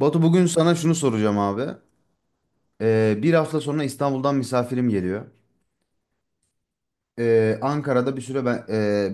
Batu, bugün sana şunu soracağım abi. Bir hafta sonra İstanbul'dan misafirim geliyor. Ankara'da bir süre ben,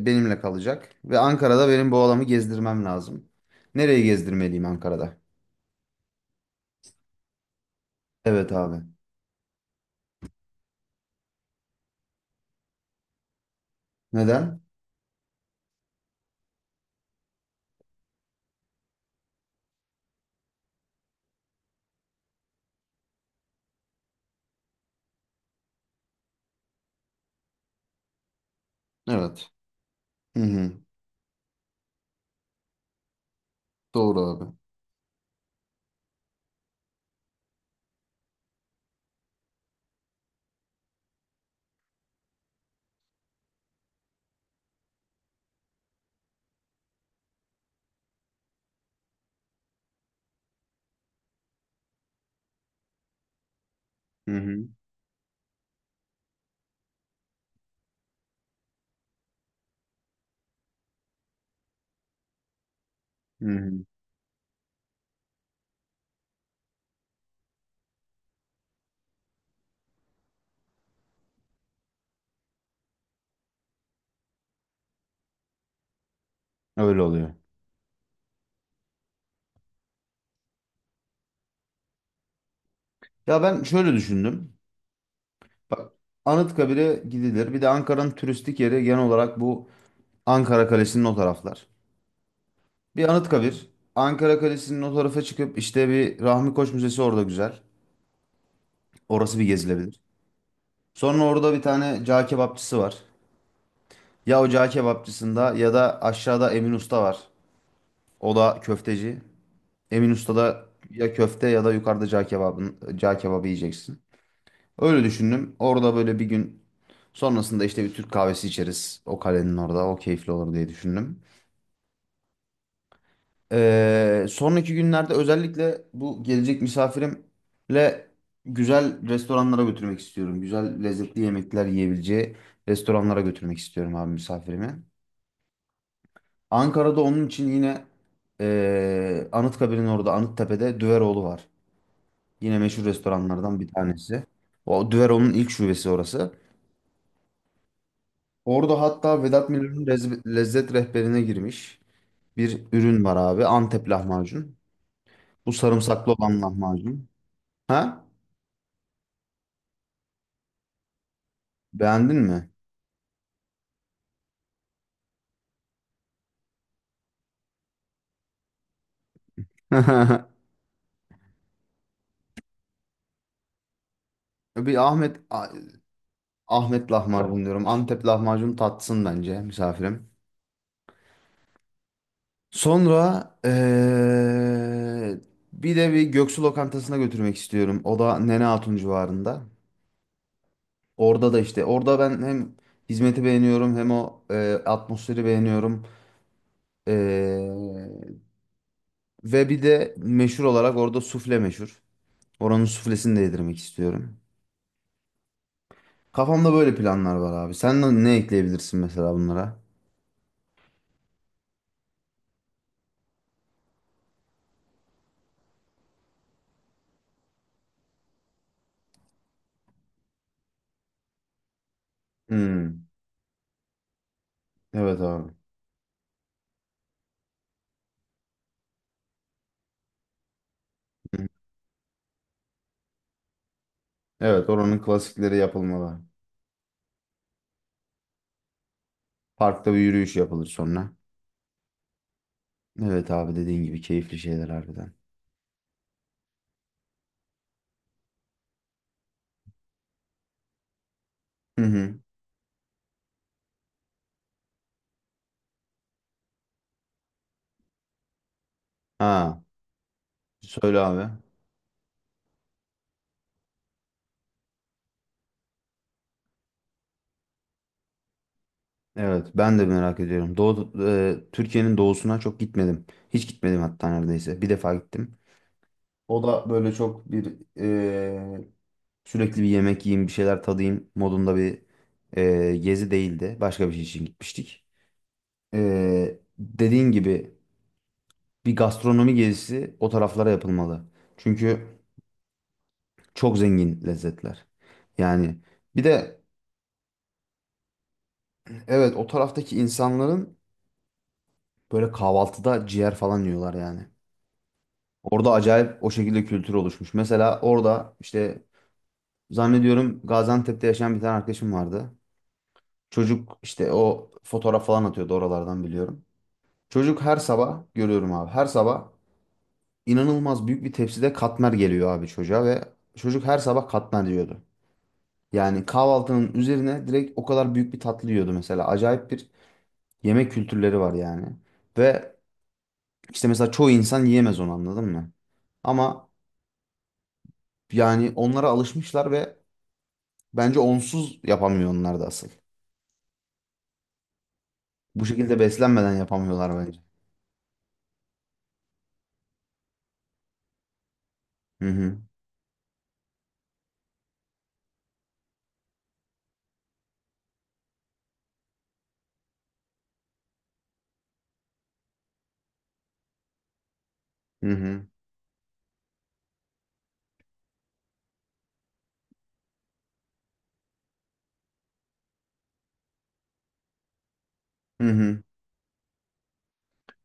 e, benimle kalacak. Ve Ankara'da benim bu adamı gezdirmem lazım. Nereye gezdirmeliyim Ankara'da? Evet abi. Neden? Evet. Hı hı. Doğru abi. Hı hı. Hı hı. Öyle oluyor. Ya ben şöyle düşündüm. Bak, Anıtkabir'e gidilir. Bir de Ankara'nın turistik yeri genel olarak bu Ankara Kalesi'nin o taraflar. Bir Anıtkabir. Ankara Kalesi'nin o tarafa çıkıp işte bir Rahmi Koç Müzesi orada güzel. Orası bir gezilebilir. Sonra orada bir tane cağ kebapçısı var. Ya o cağ kebapçısında ya da aşağıda Emin Usta var. O da köfteci. Emin Usta'da ya köfte ya da yukarıda cağ kebabı yiyeceksin. Öyle düşündüm. Orada böyle bir gün sonrasında işte bir Türk kahvesi içeriz. O kalenin orada. O keyifli olur diye düşündüm. Sonraki günlerde özellikle bu gelecek misafirimle güzel restoranlara götürmek istiyorum. Güzel lezzetli yemekler yiyebileceği restoranlara götürmek istiyorum abi misafirimi. Ankara'da onun için yine Anıtkabir'in orada Anıttepe'de Düveroğlu var. Yine meşhur restoranlardan bir tanesi. O Düveroğlu'nun ilk şubesi orası. Orada hatta Vedat Milor'un lezzet rehberine girmiş bir ürün var abi. Antep lahmacun. Bu sarımsaklı olan lahmacun. Ha? Beğendin mi? Bir Ahmet Ah- Ahmet lahmacun diyorum. Antep lahmacun tatsın bence misafirim. Sonra bir de bir Göksu lokantasına götürmek istiyorum. O da Nene Hatun civarında. Orada da işte orada ben hem hizmeti beğeniyorum hem o atmosferi beğeniyorum. Eee, Ve bir de meşhur olarak orada sufle meşhur. Oranın suflesini de yedirmek istiyorum. Kafamda böyle planlar var abi. Sen de ne ekleyebilirsin mesela bunlara? Hmm, evet abi. Hı. Evet, oranın klasikleri yapılmalı. Parkta bir yürüyüş yapılır sonra. Evet abi, dediğin gibi keyifli şeyler harbiden. Hı hı. Ha, söyle abi. Evet, ben de merak ediyorum. Türkiye'nin doğusuna çok gitmedim. Hiç gitmedim hatta neredeyse. Bir defa gittim. O da böyle çok bir e, sürekli bir yemek yiyeyim bir şeyler tadayım modunda bir gezi değildi. Başka bir şey için gitmiştik. E, dediğin gibi bir gastronomi gezisi o taraflara yapılmalı. Çünkü çok zengin lezzetler. Yani bir de evet, o taraftaki insanların böyle kahvaltıda ciğer falan yiyorlar yani. Orada acayip o şekilde kültür oluşmuş. Mesela orada işte zannediyorum Gaziantep'te yaşayan bir tane arkadaşım vardı. Çocuk işte o fotoğraf falan atıyordu oralardan, biliyorum. Çocuk her sabah görüyorum abi. Her sabah inanılmaz büyük bir tepside katmer geliyor abi çocuğa ve çocuk her sabah katmer diyordu. Yani kahvaltının üzerine direkt o kadar büyük bir tatlı yiyordu mesela. Acayip bir yemek kültürleri var yani. Ve işte mesela çoğu insan yiyemez onu, anladın mı? Ama yani onlara alışmışlar ve bence onsuz yapamıyor onlar da asıl. Bu şekilde beslenmeden yapamıyorlar bence. Hı hı. Hı hı. Hı hı.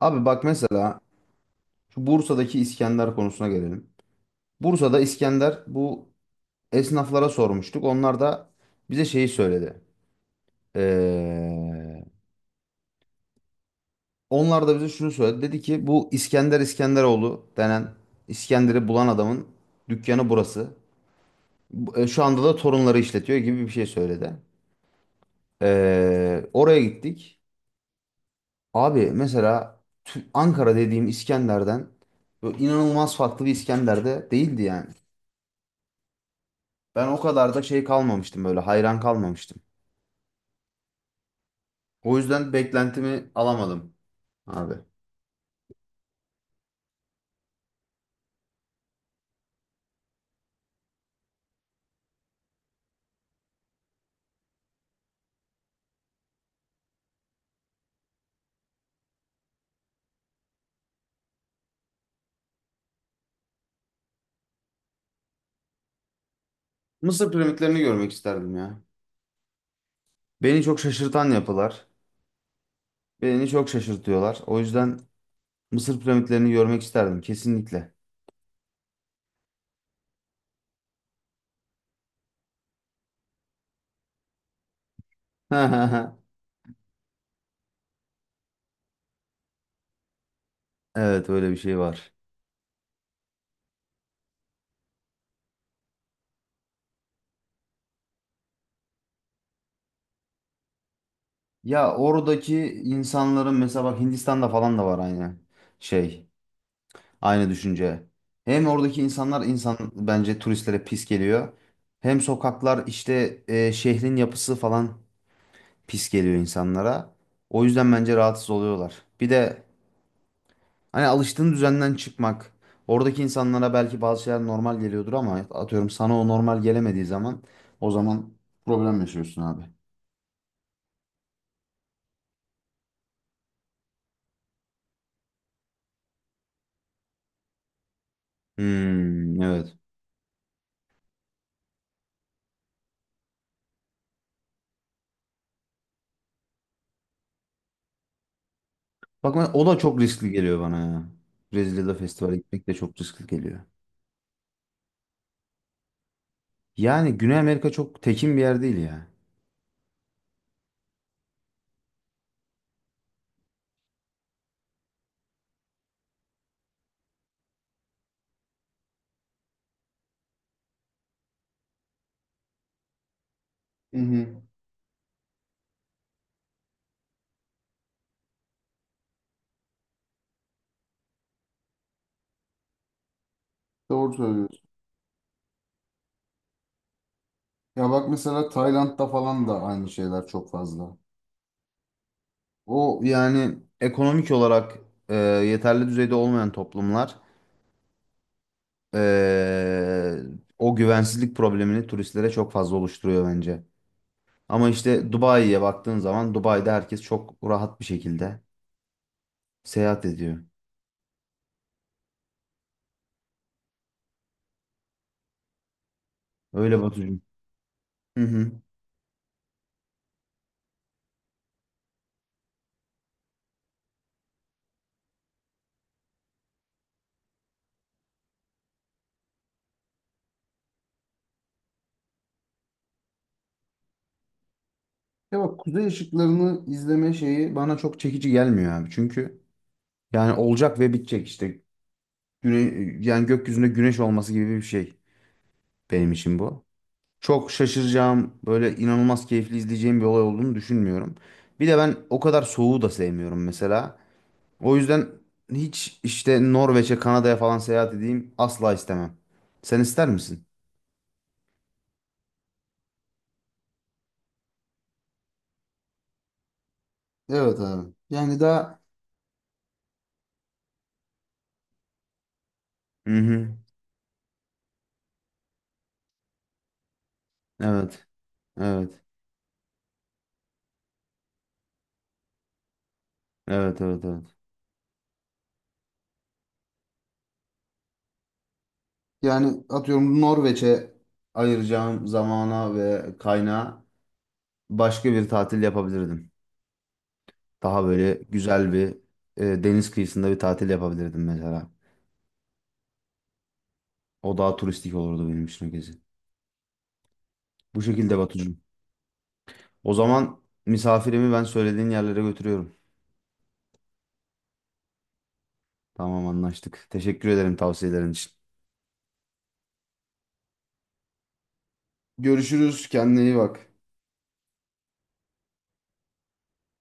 Abi bak, mesela şu Bursa'daki İskender konusuna gelelim. Bursa'da İskender bu esnaflara sormuştuk. Onlar da bize şeyi söyledi. Ee, Onlar da bize şunu söyledi. Dedi ki bu İskender, İskenderoğlu denen İskender'i bulan adamın dükkanı burası. Şu anda da torunları işletiyor gibi bir şey söyledi. Oraya gittik. Abi mesela Ankara dediğim İskender'den böyle inanılmaz farklı bir İskender de değildi yani. Ben o kadar da şey kalmamıştım, böyle hayran kalmamıştım. O yüzden beklentimi alamadım abi. Mısır piramitlerini görmek isterdim ya. Beni çok şaşırtan yapılar. Beni çok şaşırtıyorlar. O yüzden Mısır piramitlerini görmek isterdim kesinlikle. Evet, öyle bir şey var. Ya oradaki insanların mesela bak Hindistan'da falan da var aynı şey, aynı düşünce. Hem oradaki insanlar insan bence turistlere pis geliyor. Hem sokaklar işte şehrin yapısı falan pis geliyor insanlara. O yüzden bence rahatsız oluyorlar. Bir de hani alıştığın düzenden çıkmak. Oradaki insanlara belki bazı şeyler normal geliyordur ama atıyorum sana o normal gelemediği zaman problem yaşıyorsun abi. Hmm, evet. Bak o da çok riskli geliyor bana ya. Brezilya'da festivale gitmek de çok riskli geliyor. Yani Güney Amerika çok tekin bir yer değil ya. Hı hı. Doğru söylüyorsun. Ya bak mesela Tayland'da falan da aynı şeyler çok fazla. O yani ekonomik olarak yeterli düzeyde olmayan toplumlar. Ee, O güvensizlik problemini turistlere çok fazla oluşturuyor bence. Ama işte Dubai'ye baktığın zaman Dubai'de herkes çok rahat bir şekilde seyahat ediyor. Öyle Batucuğum. Hı hı. Ya bak, kuzey ışıklarını izleme şeyi bana çok çekici gelmiyor abi. Çünkü yani olacak ve bitecek işte. Güne yani gökyüzünde güneş olması gibi bir şey benim için bu. Çok şaşıracağım, böyle inanılmaz keyifli izleyeceğim bir olay olduğunu düşünmüyorum. Bir de ben o kadar soğuğu da sevmiyorum mesela. O yüzden hiç işte Norveç'e, Kanada'ya falan seyahat edeyim asla istemem. Sen ister misin? Evet abi. Yani daha hı hı. Evet. Evet. Evet, evet, evet. Yani atıyorum Norveç'e ayıracağım zamana ve kaynağa başka bir tatil yapabilirdim. Daha böyle güzel bir deniz kıyısında bir tatil yapabilirdim mesela. O daha turistik olurdu benim için o gezi. Bu şekilde Batucuğum. O zaman misafirimi ben söylediğin yerlere götürüyorum. Tamam, anlaştık. Teşekkür ederim tavsiyelerin için. Görüşürüz. Kendine iyi bak.